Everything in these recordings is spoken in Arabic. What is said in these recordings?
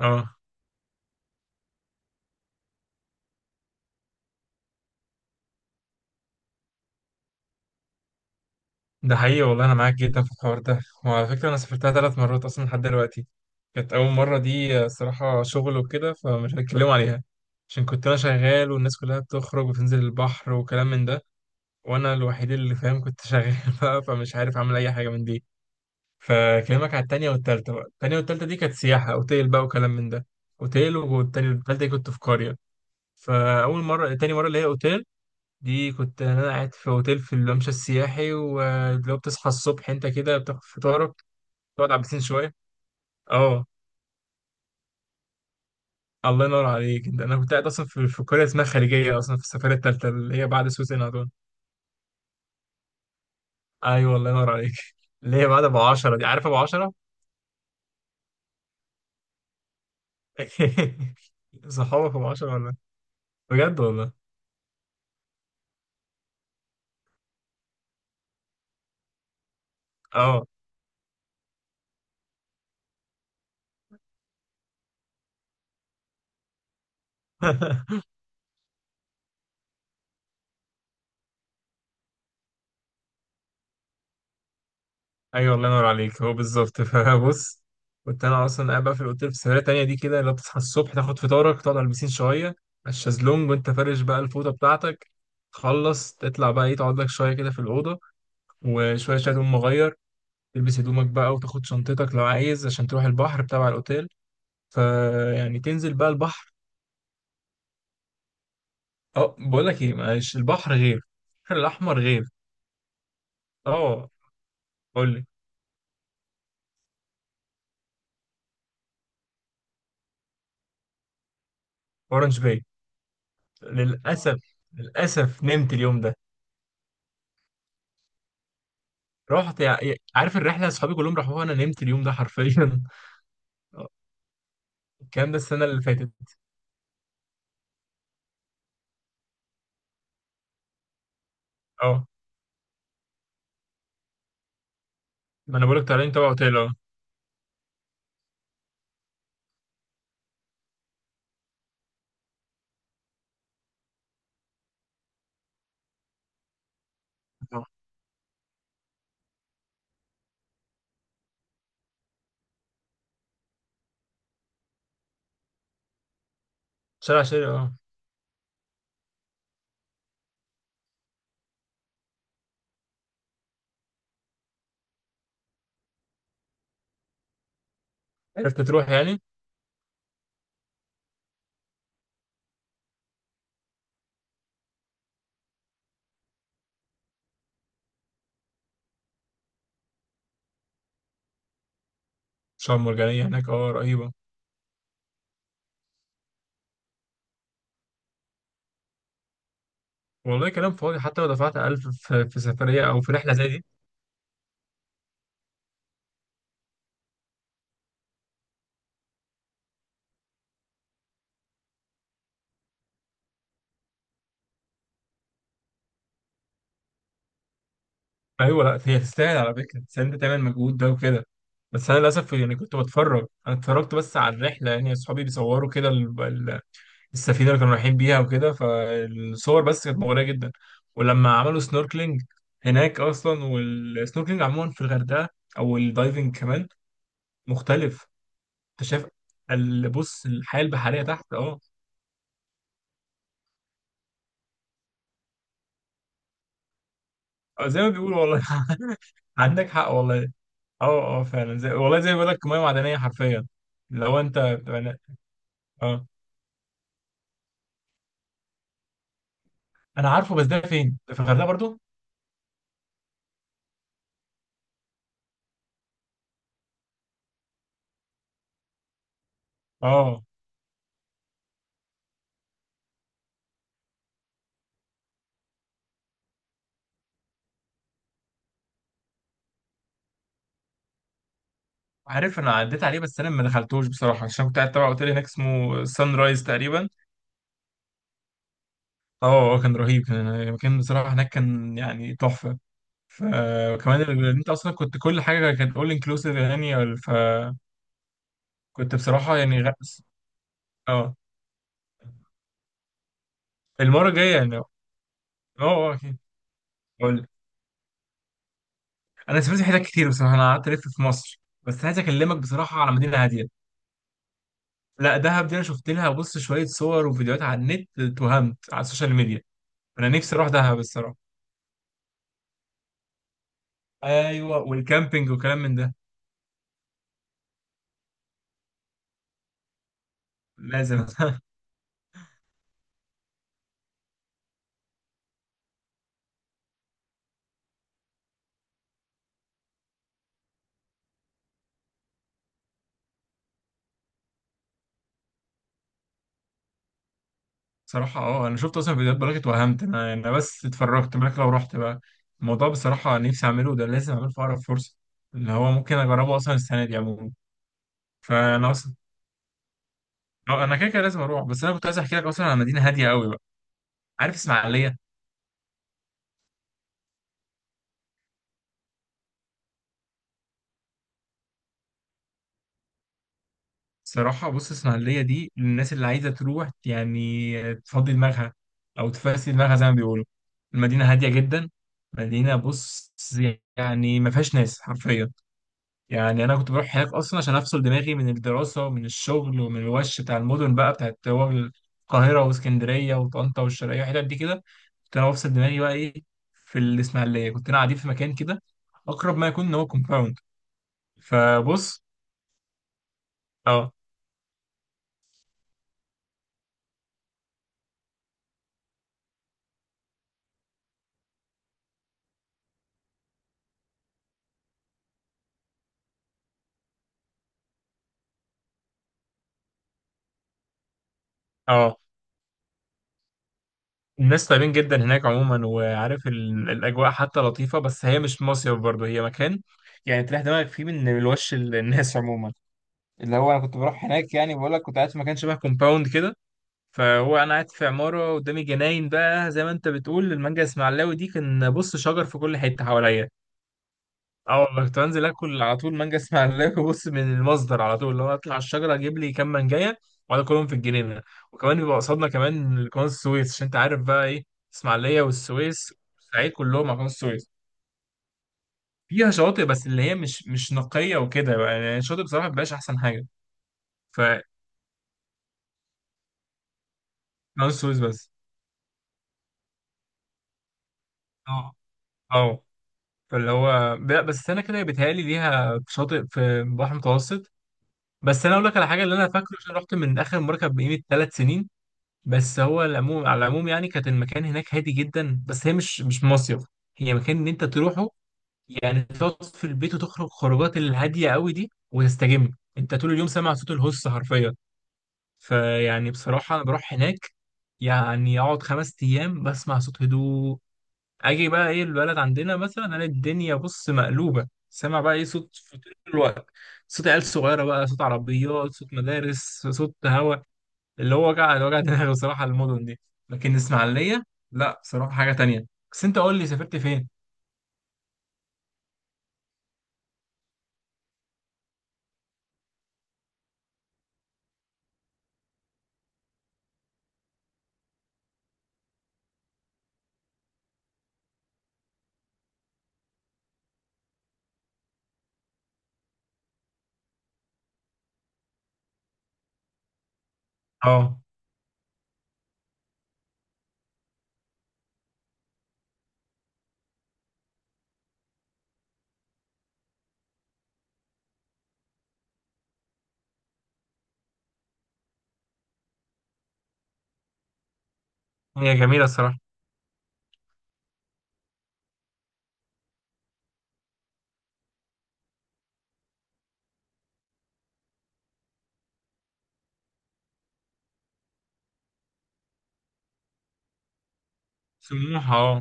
اه، ده حقيقي والله انا معاك جدا في الحوار ده. وعلى فكره انا سافرتها 3 مرات اصلا لحد دلوقتي. كانت اول مره دي صراحه شغل وكده، فمش هتكلم عليها عشان كنت انا شغال والناس كلها بتخرج وتنزل البحر وكلام من ده، وانا الوحيد اللي فاهم كنت شغال بقى، فمش عارف اعمل اي حاجه من دي. فكلمك على التانية والتالتة بقى. التانية والتالتة دي كانت سياحة اوتيل بقى وكلام من ده، اوتيل. والتانية والتالتة دي كنت في قرية. فاول مره، تاني مره اللي هي اوتيل، دي كنت انا قاعد في اوتيل في الممشى السياحي، ولو بتصحى الصبح انت كده بتاخد فطارك، تقعد على البسين شويه. اه الله ينور عليك. انت انا كنت قاعد اصلا في قريه اسمها خليجيه اصلا، في السفاره الثالثه اللي هي بعد سويس هدول. ايوه الله ينور عليك. اللي هي بعد ابو 10 دي، عارف ابو 10؟ صحابك ابو 10 ولا؟ بجد والله؟ اه. ايوه الله ينور عليك، هو بالظبط. فبص، كنت انا اصلا قاعد بقى في الاوتيل، في سفريه تانيه دي كده، اللي هو بتصحى الصبح تاخد فطارك، تقعد على البسين شويه على الشازلونج وانت فارش بقى الفوطه بتاعتك. تخلص تطلع بقى، ايه، تقعد لك شويه كده في الاوضه، وشويه شويه تقوم مغير، تلبس هدومك بقى وتاخد شنطتك لو عايز، عشان تروح البحر بتاع الاوتيل. فيعني تنزل بقى البحر. اه بقول لك ايه، معلش، البحر غير. البحر الاحمر غير. اه قول لي. اورنج باي. للاسف. للاسف نمت اليوم ده. رحت عارف الرحله، اصحابي كلهم راحوها، انا نمت اليوم ده حرفيا. الكلام ده السنه اللي فاتت. اه ما انا بقولك طالعين تبع اوتيل، اه. آه. شارع اه. عرفت تروح يعني. شرم مرجانيه هناك، اه رهيبه. والله كلام فاضي، حتى لو دفعت 1000 في في سفريه او في رحله زي دي. ايوه، لا هي تستاهل على فكره، بس انت تعمل مجهود ده وكده. بس انا للاسف يعني كنت بتفرج، انا اتفرجت بس على الرحله، يعني اصحابي بيصوروا كده السفينه اللي كانوا رايحين بيها وكده، فالصور بس كانت مغريه جدا. ولما عملوا سنوركلينج هناك اصلا، والسنوركلينج عموما في الغردقه، او الدايفنج كمان، مختلف. انت شايف بص الحياه البحريه تحت، اه. زي ما بيقولوا والله. عندك حق والله. اه اه فعلا، زي والله زي ما بيقول لك ميه معدنيه حرفيا. لو انت بتبقى- اه انا عارفه، بس ده فين؟ ده في الغردقه برضو؟ اه. عارف انا عديت عليه، بس انا ما دخلتوش بصراحه، عشان كنت قاعد تبع اوتيل هناك اسمه سان رايز تقريبا. اه. كان رهيب، كان المكان بصراحة هناك كان يعني تحفة. فكمان انت اصلا كنت كل حاجة كانت اول انكلوسيف يعني، فكنت بصراحة يعني اه. المرة الجاية يعني، اه. اه اكيد. قول لي. انا سافرت حتت كتير بصراحة، انا قعدت الف في مصر، بس عايز اكلمك بصراحة على مدينة هادية. لا دهب دي انا شفت لها، بص، شوية صور وفيديوهات على النت، اتوهمت على السوشيال ميديا. انا نفسي اروح دهب الصراحة. ايوه والكامبينج وكلام من ده. لازم. صراحة اه انا شفت اصلا فيديوهات، بلاغت وهمت. انا بس اتفرجت، بالك لو رحت بقى؟ الموضوع بصراحة نفسي اعمله ده، لازم اعمله في اقرب فرصة، اللي هو ممكن اجربه اصلا السنة دي عموما. فانا اصلا اه انا كده كده لازم اروح، بس انا كنت عايز احكي لك اصلا عن مدينة هادية قوي بقى. عارف اسماعيلية؟ صراحة بص، اسماعيلية دي للناس اللي عايزة تروح يعني تفضي دماغها، او تفسي دماغها زي ما بيقولوا. المدينة هادية جدا. مدينة، بص، يعني ما فيهاش ناس حرفيا. يعني انا كنت بروح هناك اصلا عشان افصل دماغي من الدراسه ومن الشغل ومن الوش بتاع المدن بقى بتاعت هو، القاهره واسكندريه وطنطا والشرقيه والحتت دي كده. كنت انا بفصل دماغي بقى ايه. في الاسماعيليه كنت انا قاعدين في مكان كده اقرب ما يكون ان هو كومباوند. فبص. اه. اه الناس طيبين جدا هناك عموما، وعارف الاجواء حتى لطيفه. بس هي مش مصيف برضه، هي مكان يعني تريح دماغك فيه من الوش الناس عموما. اللي هو انا كنت بروح هناك يعني، بقول لك كنت قاعد في مكان شبه كومباوند كده. فهو انا قاعد في عماره قدامي جناين بقى، زي ما انت بتقول المانجا اسماعيلاوي دي، كان بص شجر في كل حته حواليا. اه والله كنت بنزل اكل على طول مانجا اسماعيلاوي، بص، من المصدر على طول، لو اطلع الشجره اجيب لي كام مانجايه واقعد اكلهم في الجنينه. وكمان بيبقى قصادنا كمان قناه السويس، عشان انت عارف بقى ايه، اسماعيليه والسويس والصعيد كلهم على قناه السويس. فيها شواطئ، بس اللي هي مش مش نقيه وكده بقى، يعني الشاطئ بصراحه مبقاش احسن حاجه. فقناه السويس بس. اه. اه. فاللي هو لا، بس انا كده بيتهيألي ليها شاطئ في بحر متوسط، بس انا اقول لك على حاجه اللي انا فاكره عشان رحت من اخر مركب بقيمه 3 سنين. بس هو العموم على العموم يعني كانت المكان هناك هادي جدا، بس هي مش مش مصيف، هي مكان ان انت تروحه يعني، تقعد في البيت وتخرج خروجات الهاديه قوي دي وتستجم. انت طول اليوم سامع صوت الهوس حرفيا. فيعني بصراحه انا بروح هناك يعني اقعد 5 ايام بسمع صوت هدوء. اجي بقى ايه البلد عندنا مثلا، انا الدنيا بص مقلوبه، سامع بقى ايه صوت في طول الوقت، صوت عيال صغيره بقى، صوت عربيات، صوت مدارس، صوت هوا. اللي هو وجع، اللي وجع دماغي بصراحه المدن دي. لكن الاسماعيليه، لا بصراحه حاجه تانية. بس انت قول لي سافرت فين. اه. هي جميله الصراحه. سموحه اه.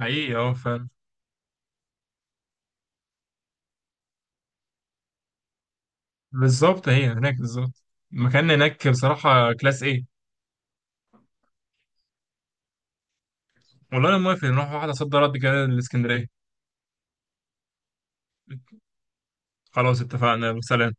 حقيقي اه فعلا. بالظبط هي هناك بالظبط. المكان هناك بصراحه كلاس، ايه؟ والله انا موافق نروح واحده صد رد كده الاسكندريه. خلاص اتفقنا وسلام.